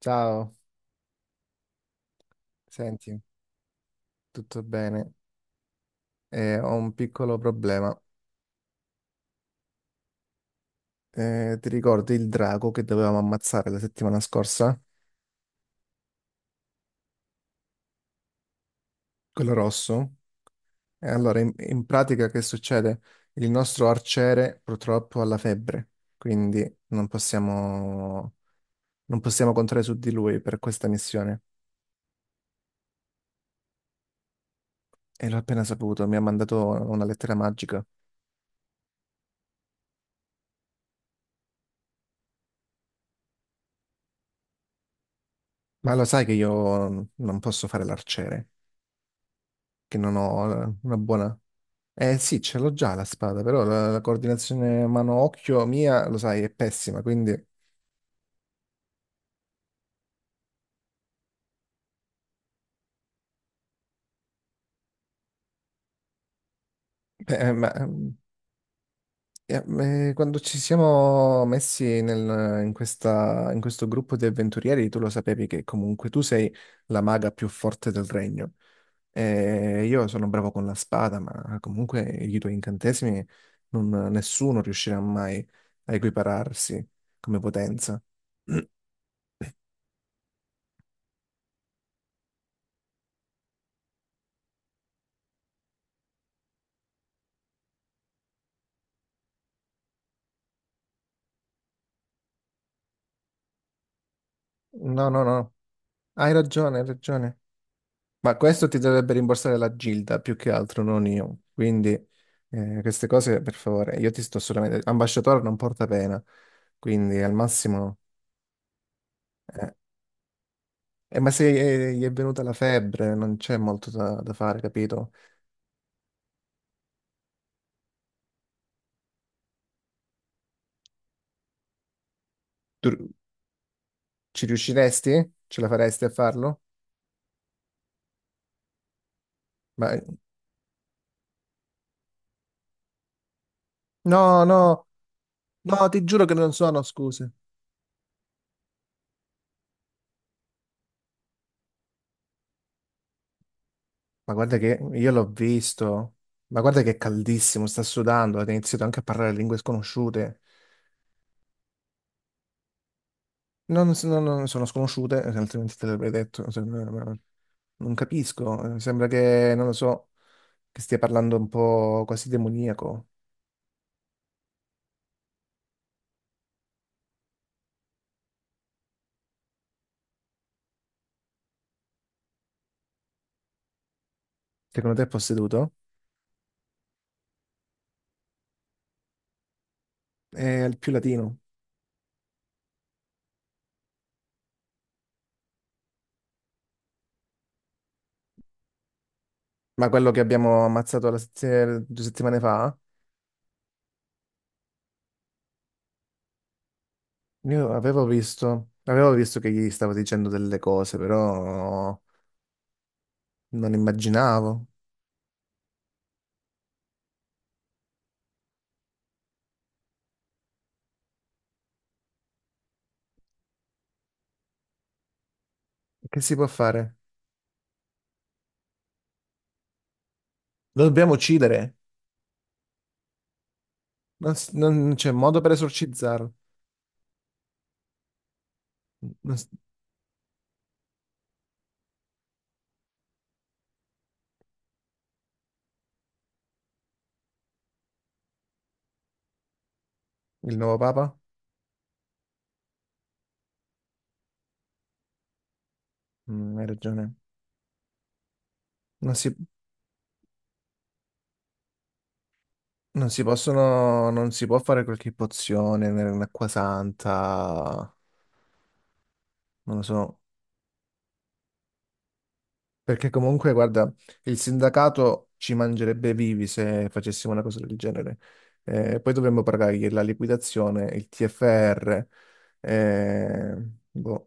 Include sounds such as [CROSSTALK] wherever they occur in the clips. Ciao, senti, tutto bene? Ho un piccolo problema. Ti ricordi il drago che dovevamo ammazzare la settimana scorsa? Quello rosso? E allora, in pratica, che succede? Il nostro arciere purtroppo ha la febbre, quindi non possiamo contare su di lui per questa missione. E l'ho appena saputo, mi ha mandato una lettera magica. Ma lo sai che io non posso fare l'arciere, che non ho una buona... Eh sì, ce l'ho già la spada, però la coordinazione mano-occhio mia, lo sai, è pessima, quindi eh, ma, eh, quando ci siamo messi in questo gruppo di avventurieri, tu lo sapevi che comunque tu sei la maga più forte del regno. Io sono bravo con la spada, ma comunque i tuoi incantesimi nessuno riuscirà mai a equipararsi come potenza. [CLEARS THROAT] No, no, no, hai ragione, hai ragione. Ma questo ti dovrebbe rimborsare la Gilda più che altro, non io. Quindi queste cose, per favore, io ti sto solamente... Ambasciatore non porta pena, quindi al massimo... eh, ma se gli è venuta la febbre, non c'è molto da, da fare, capito? Tu ci riusciresti? Ce la faresti a farlo? Ma... No, no, no, ti giuro che non sono scuse. Ma guarda che io l'ho visto. Ma guarda che è caldissimo, sta sudando, ha iniziato anche a parlare lingue sconosciute. Non, s- non- non sono sconosciute, altrimenti te l'avrei detto. Non capisco, sembra che, non lo so, che stia parlando un po' quasi demoniaco. Secondo te è posseduto? È il più latino. Ma quello che abbiamo ammazzato due settimane fa, avevo visto che gli stavo dicendo delle cose, però non immaginavo. Che si può fare? Lo dobbiamo uccidere. Non c'è modo per esorcizzarlo. Non s- Il nuovo papa? Mm, hai ragione. Non si, non si può fare qualche pozione un'acqua santa, non lo so. Perché comunque, guarda, il sindacato ci mangerebbe vivi se facessimo una cosa del genere. Poi dovremmo pagargli la liquidazione, il TFR, eh, boh,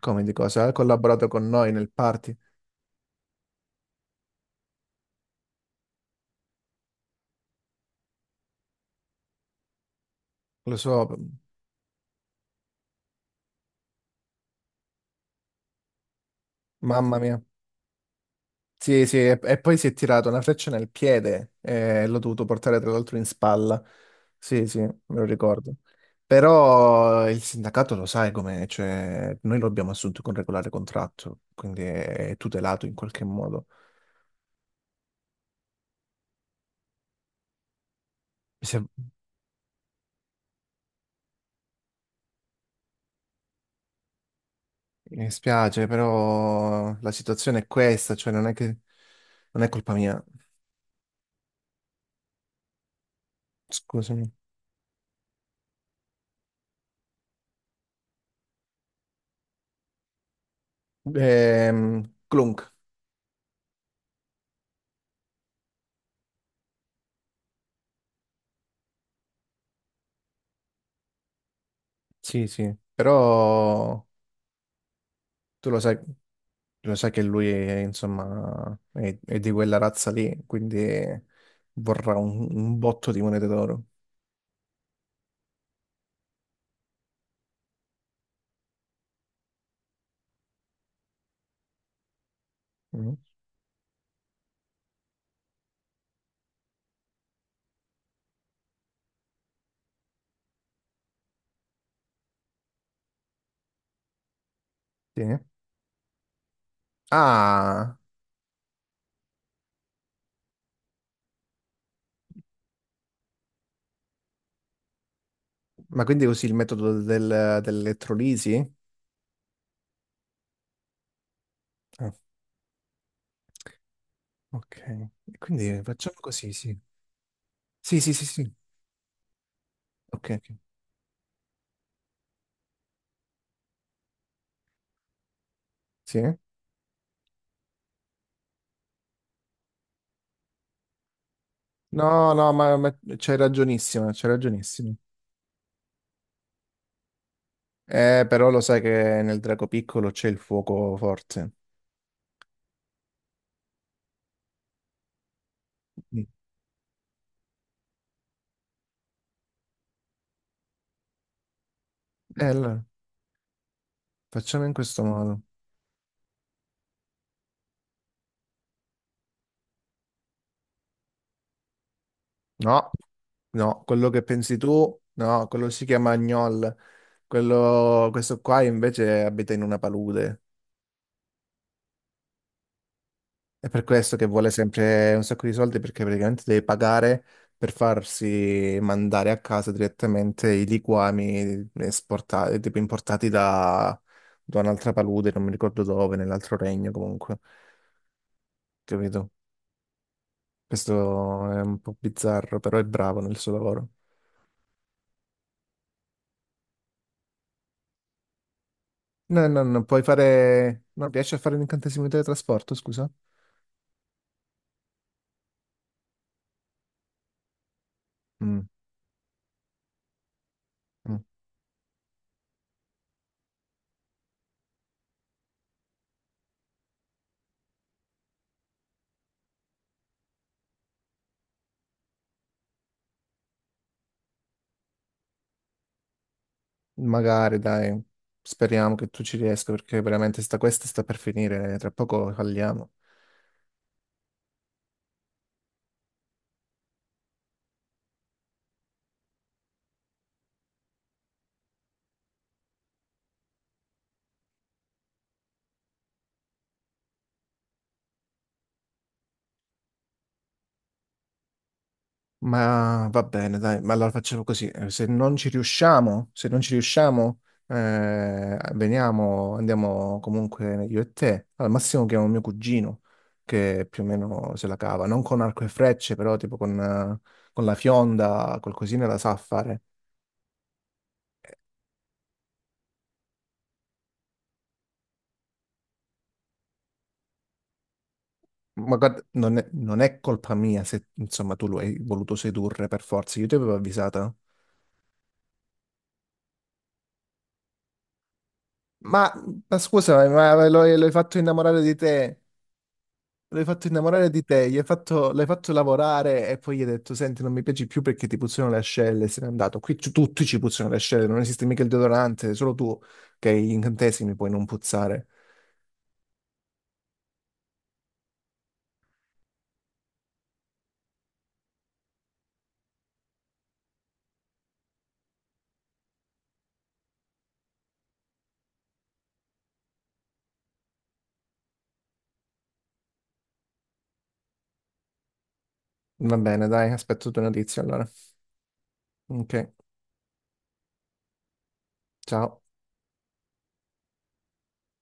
come di cosa. Ha collaborato con noi nel party, lo so, mamma mia. Sì, sì, e poi si è tirato una freccia nel piede e l'ho dovuto portare tra l'altro in spalla. Sì, sì, me lo ricordo. Però il sindacato lo sai com'è, cioè noi lo abbiamo assunto con regolare contratto, quindi è tutelato in qualche modo. Mi, sem- mi spiace, però la situazione è questa, cioè non è che... non è colpa mia, scusami. Clunk, sì, sì, però tu lo sai. Lo sai che lui, è, insomma, è di quella razza lì, quindi vorrà un botto di monete d'oro. Mm. Sì. Ah, ma quindi usi il metodo dell'elettrolisi? Ah, ok. E quindi facciamo così, sì. Sì, sì, sì, sì. Ok, ok. Sì? No, no, ma c'hai ragionissimo, c'hai ragionissimo. Però lo sai che nel drago piccolo c'è il fuoco forte. Mm. Allora, facciamo in questo modo. No. No, quello che pensi tu, no, quello si chiama Agnol. Quello, questo qua invece abita in una palude. È per questo che vuole sempre un sacco di soldi perché praticamente deve pagare per farsi mandare a casa direttamente i liquami esportati, tipo importati da, da un'altra palude, non mi ricordo dove, nell'altro regno comunque. Capito? Questo è un po' bizzarro, però è bravo nel suo lavoro. No, no, non puoi fare... Non riesci a fare l'incantesimo di teletrasporto, scusa? Mm, mm. Magari, dai, speriamo che tu ci riesca perché veramente sta, questa sta per finire, tra poco falliamo. Ma va bene, dai, ma allora facciamo così, se non ci riusciamo, andiamo comunque io e te, al massimo chiamo mio cugino, che più o meno se la cava, non con arco e frecce, però tipo con la fionda, qualcosina la sa fare. Ma guarda, non è colpa mia se insomma tu lo hai voluto sedurre per forza, io ti avevo avvisato. Ma, ma scusa, ma lo, hai fatto innamorare di te, lo hai fatto innamorare di te, gli hai fatto, l'hai fatto lavorare e poi gli hai detto, senti, non mi piaci più perché ti puzzano le ascelle, se n'è andato. Qui tutti ci puzzano le ascelle, non esiste mica il deodorante, solo tu che hai gli incantesimi puoi non puzzare. Va bene, dai, aspetto tue notizie allora. Ok, ciao.